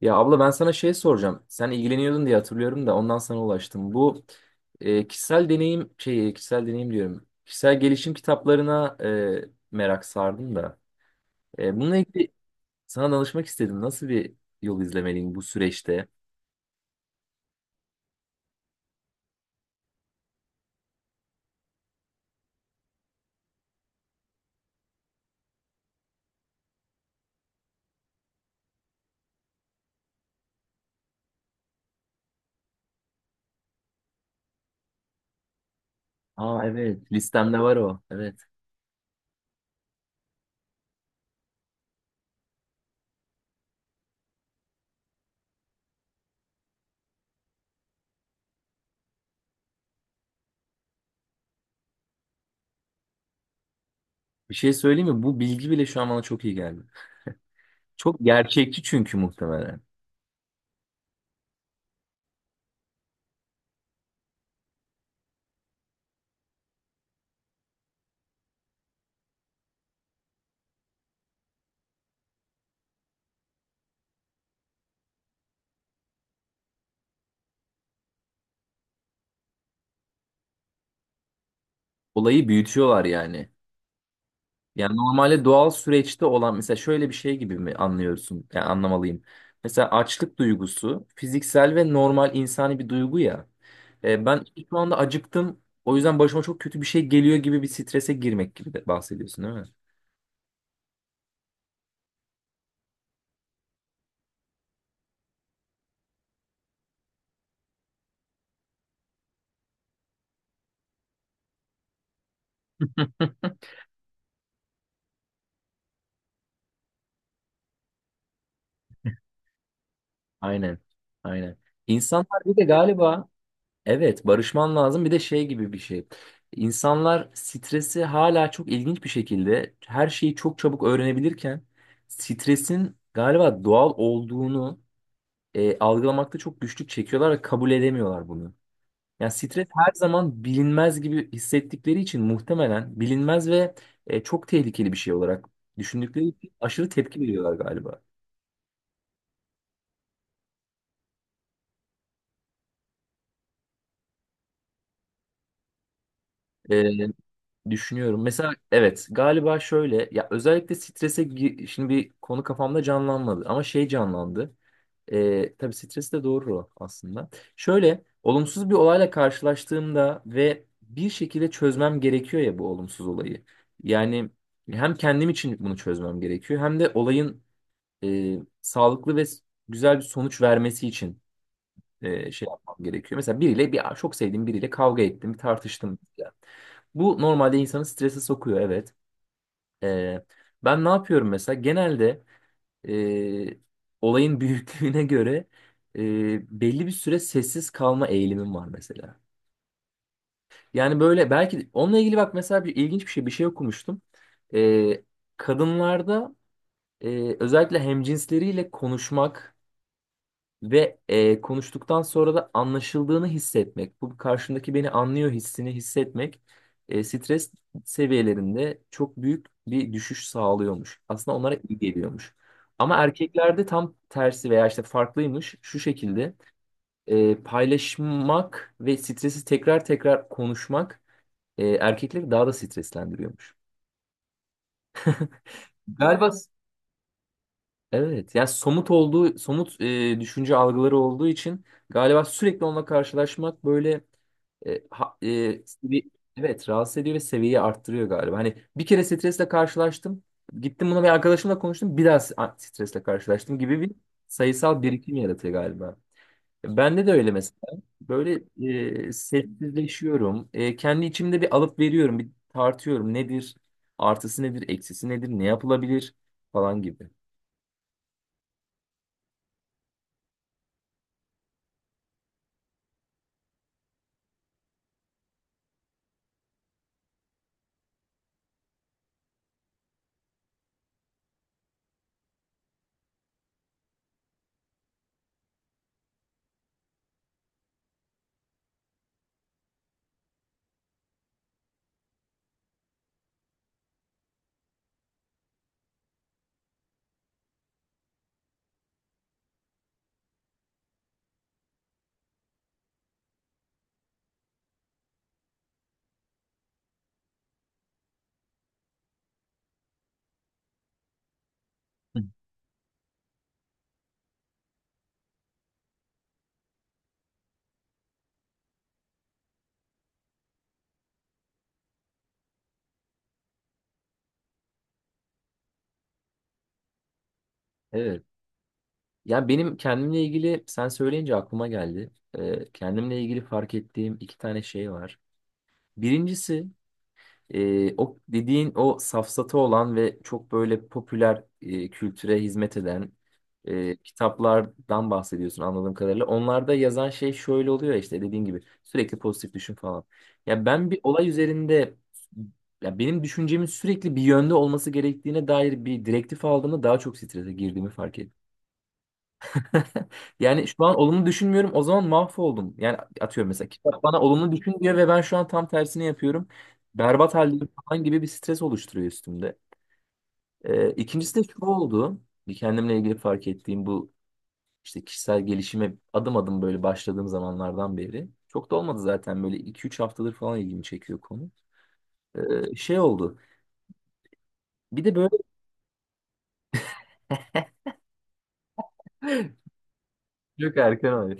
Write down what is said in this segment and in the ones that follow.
Ya abla ben sana şey soracağım. Sen ilgileniyordun diye hatırlıyorum da ondan sana ulaştım. Bu kişisel deneyim diyorum. Kişisel gelişim kitaplarına merak sardım da. Bununla ilgili sana danışmak istedim. Nasıl bir yol izlemeliyim bu süreçte? Aa, evet, listemde var o. Evet. Bir şey söyleyeyim mi? Bu bilgi bile şu an bana çok iyi geldi. Çok gerçekçi, çünkü muhtemelen. Olayı büyütüyorlar yani. Yani normalde doğal süreçte olan mesela şöyle bir şey gibi mi anlıyorsun? Yani anlamalıyım. Mesela açlık duygusu fiziksel ve normal insani bir duygu ya. Ben şu anda acıktım. O yüzden başıma çok kötü bir şey geliyor gibi bir strese girmek gibi de bahsediyorsun, değil mi? Aynen. Aynen. İnsanlar bir de galiba, evet, barışman lazım, bir de şey gibi bir şey. İnsanlar stresi hala çok ilginç bir şekilde her şeyi çok çabuk öğrenebilirken stresin galiba doğal olduğunu algılamakta çok güçlük çekiyorlar ve kabul edemiyorlar bunu. Yani stres her zaman bilinmez gibi hissettikleri için muhtemelen bilinmez ve çok tehlikeli bir şey olarak düşündükleri için aşırı tepki veriyorlar galiba. E, Düşünüyorum. Mesela evet, galiba şöyle ya, özellikle şimdi bir konu kafamda canlanmadı ama şey canlandı. Tabii stres de doğru o aslında. Şöyle olumsuz bir olayla karşılaştığımda ve bir şekilde çözmem gerekiyor ya bu olumsuz olayı. Yani hem kendim için bunu çözmem gerekiyor hem de olayın sağlıklı ve güzel bir sonuç vermesi için şey yapmam gerekiyor. Mesela bir çok sevdiğim biriyle kavga ettim, bir tartıştım. Yani bu normalde insanı strese sokuyor, evet. E, Ben ne yapıyorum mesela? Genelde e, olayın büyüklüğüne göre belli bir süre sessiz kalma eğilimim var mesela. Yani böyle belki onunla ilgili bak mesela bir ilginç bir şey okumuştum. E, Kadınlarda özellikle hemcinsleriyle konuşmak ve konuştuktan sonra da anlaşıldığını hissetmek, bu karşımdaki beni anlıyor hissini hissetmek stres seviyelerinde çok büyük bir düşüş sağlıyormuş. Aslında onlara iyi geliyormuş. Ama erkeklerde tam tersi veya işte farklıymış şu şekilde, paylaşmak ve stresi tekrar tekrar konuşmak erkekleri daha da streslendiriyormuş. Galiba. Evet, yani somut düşünce algıları olduğu için galiba sürekli onunla karşılaşmak böyle. E, ha- e, sevi- evet, rahatsız ediyor ve seviyeyi arttırıyor galiba. Hani bir kere stresle karşılaştım. Gittim buna bir arkadaşımla konuştum. Bir daha stresle karşılaştım gibi bir sayısal birikim yaratıyor galiba. Bende de öyle mesela. Böyle sessizleşiyorum. Kendi içimde bir alıp veriyorum. Bir tartıyorum. Nedir? Artısı nedir? Eksisi nedir? Ne yapılabilir? Falan gibi. Hı. Evet. Ya benim kendimle ilgili sen söyleyince aklıma geldi. Kendimle ilgili fark ettiğim iki tane şey var. Birincisi, o dediğin o safsatı olan ve çok böyle popüler kültüre hizmet eden kitaplardan bahsediyorsun anladığım kadarıyla. Onlarda yazan şey şöyle oluyor ya, işte dediğin gibi sürekli pozitif düşün falan. Ya ben bir olay üzerinde, ya benim düşüncemin sürekli bir yönde olması gerektiğine dair bir direktif aldığımda daha çok strese girdiğimi fark ettim. Yani şu an olumlu düşünmüyorum. O zaman mahvoldum. Yani atıyorum, mesela kitap bana olumlu düşün diyor ve ben şu an tam tersini yapıyorum. Berbat haldeyim falan gibi bir stres oluşturuyor üstümde. İkincisi de şu oldu. Bir kendimle ilgili fark ettiğim bu işte kişisel gelişime adım adım böyle başladığım zamanlardan beri. Çok da olmadı zaten, böyle 2-3 haftadır falan ilgimi çekiyor konu. Şey oldu. Bir de böyle çok erken oldu.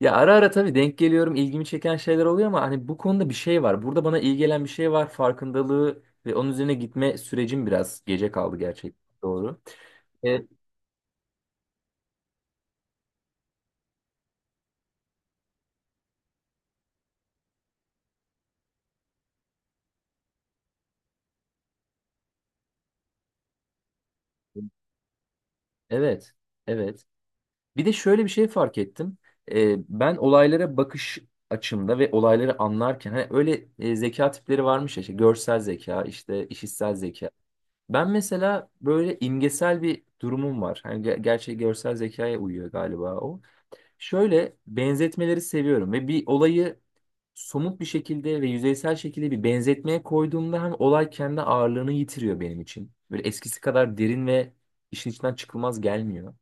Ya ara ara tabii denk geliyorum, ilgimi çeken şeyler oluyor ama hani bu konuda bir şey var. Burada bana iyi gelen bir şey var. Farkındalığı ve onun üzerine gitme sürecim biraz gece kaldı gerçekten. Doğru. E, Evet, evet. Bir de şöyle bir şey fark ettim. Ben olaylara bakış açımda ve olayları anlarken hani öyle zeka tipleri varmış ya, işte görsel zeka, işte işitsel zeka. Ben mesela böyle imgesel bir durumum var. Hani gerçi görsel zekaya uyuyor galiba o. Şöyle benzetmeleri seviyorum ve bir olayı somut bir şekilde ve yüzeysel şekilde bir benzetmeye koyduğumda hem olay kendi ağırlığını yitiriyor benim için. Böyle eskisi kadar derin ve işin içinden çıkılmaz gelmiyor.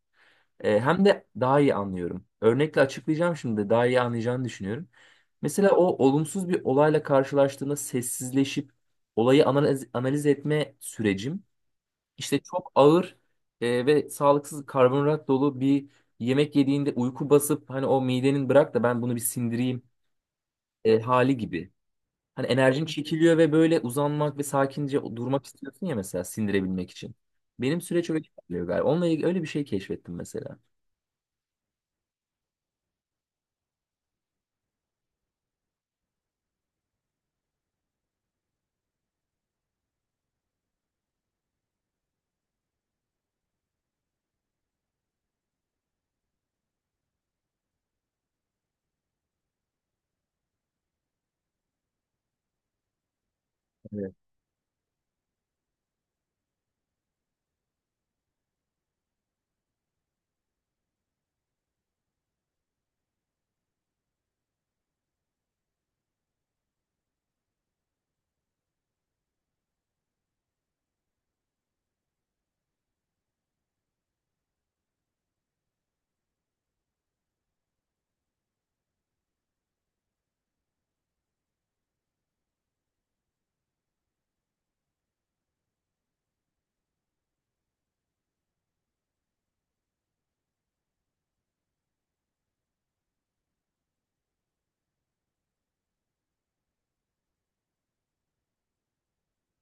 Hem de daha iyi anlıyorum. Örnekle açıklayacağım, şimdi daha iyi anlayacağını düşünüyorum. Mesela o olumsuz bir olayla karşılaştığında sessizleşip olayı analiz etme sürecim işte çok ağır ve sağlıksız karbonhidrat dolu bir yemek yediğinde uyku basıp hani o midenin bırak da ben bunu bir sindireyim hali gibi. Hani enerjin çekiliyor ve böyle uzanmak ve sakince durmak istiyorsun ya, mesela sindirebilmek için. Benim süreç öyle ilerliyor galiba. Onunla ilgili öyle bir şey keşfettim mesela. Evet.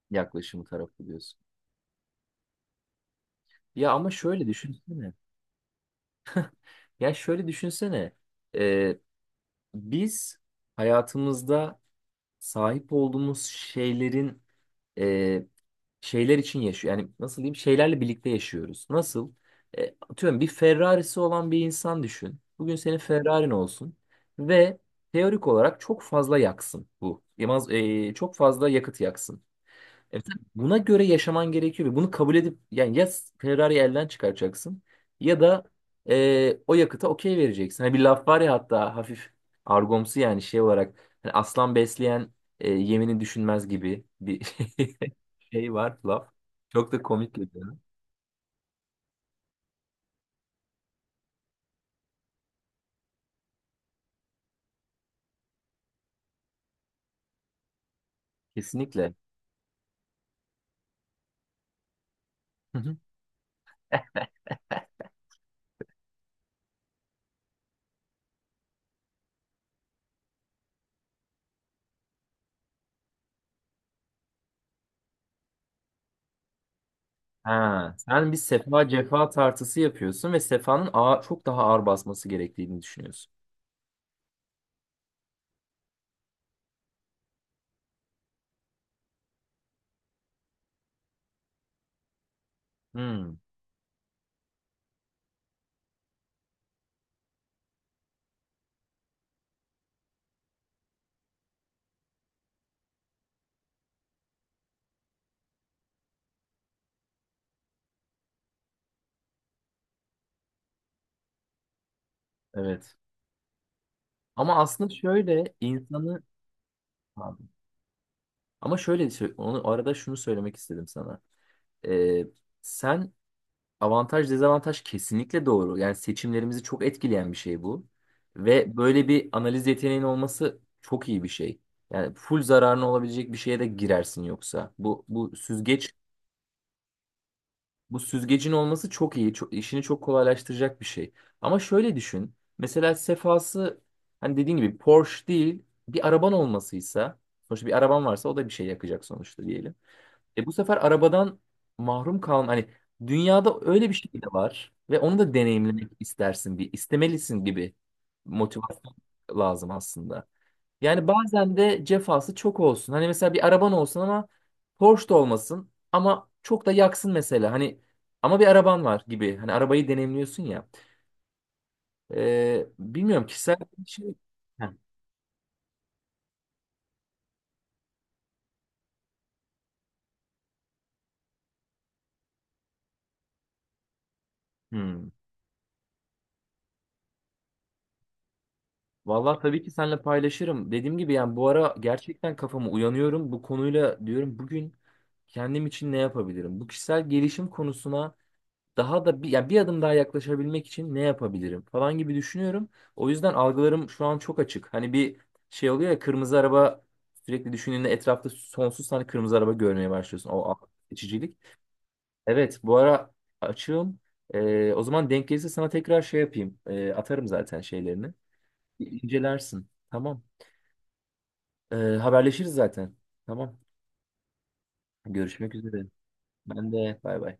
Yaklaşımı tarafı diyorsun. Ya ama şöyle düşünsene. Ya şöyle düşünsene. E, Biz hayatımızda sahip olduğumuz şeylerin e, şeyler için yaşıyor. Yani nasıl diyeyim? Şeylerle birlikte yaşıyoruz. Nasıl? Atıyorum, bir Ferrari'si olan bir insan düşün. Bugün senin Ferrari'n olsun ve teorik olarak çok fazla yaksın bu. Yamaz, çok fazla yakıt yaksın. Evet, buna göre yaşaman gerekiyor ve bunu kabul edip, yani ya Ferrari'yi elden çıkaracaksın ya da o yakıta okey vereceksin. Hani bir laf var ya, hatta hafif argomsu yani, şey olarak, hani aslan besleyen yemini düşünmez gibi bir şey var laf. Çok da komik geliyor. Kesinlikle. Hı hı. Ha, sen bir sefa cefa tartısı yapıyorsun ve sefanın ağır, çok daha ağır basması gerektiğini düşünüyorsun. Hmm, evet. Ama aslında şöyle insanı Ama şöyle onu arada şunu söylemek istedim sana. Ee, Sen, avantaj dezavantaj, kesinlikle doğru. Yani seçimlerimizi çok etkileyen bir şey bu. Ve böyle bir analiz yeteneğin olması çok iyi bir şey. Yani full zararına olabilecek bir şeye de girersin yoksa. Bu süzgecin olması çok iyi. Çok, işini çok kolaylaştıracak bir şey. Ama şöyle düşün. Mesela sefası, hani dediğin gibi Porsche değil bir araban olmasıysa, sonuçta bir araban varsa o da bir şey yakacak sonuçta diyelim. Bu sefer arabadan mahrum kalma. Hani dünyada öyle bir şey de var ve onu da deneyimlemek istersin, bir istemelisin gibi motivasyon lazım aslında. Yani bazen de cefası çok olsun. Hani mesela bir araban olsun ama Porsche da olmasın, ama çok da yaksın mesela. Hani ama bir araban var gibi. Hani arabayı deneyimliyorsun ya. Bilmiyorum, kişisel bir şey. Heh. Hmm. Vallahi tabii ki seninle paylaşırım. Dediğim gibi yani bu ara gerçekten kafamı uyanıyorum. Bu konuyla diyorum, bugün kendim için ne yapabilirim? Bu kişisel gelişim konusuna daha da bir adım daha yaklaşabilmek için ne yapabilirim falan gibi düşünüyorum. O yüzden algılarım şu an çok açık. Hani bir şey oluyor ya, kırmızı araba sürekli düşündüğünde etrafta sonsuz tane kırmızı araba görmeye başlıyorsun. O akıl seçicilik. Evet, bu ara açığım. O zaman denk gelirse sana tekrar şey yapayım. Atarım zaten şeylerini. İncelersin. Tamam. Haberleşiriz zaten. Tamam. Görüşmek üzere. Ben de bay bay.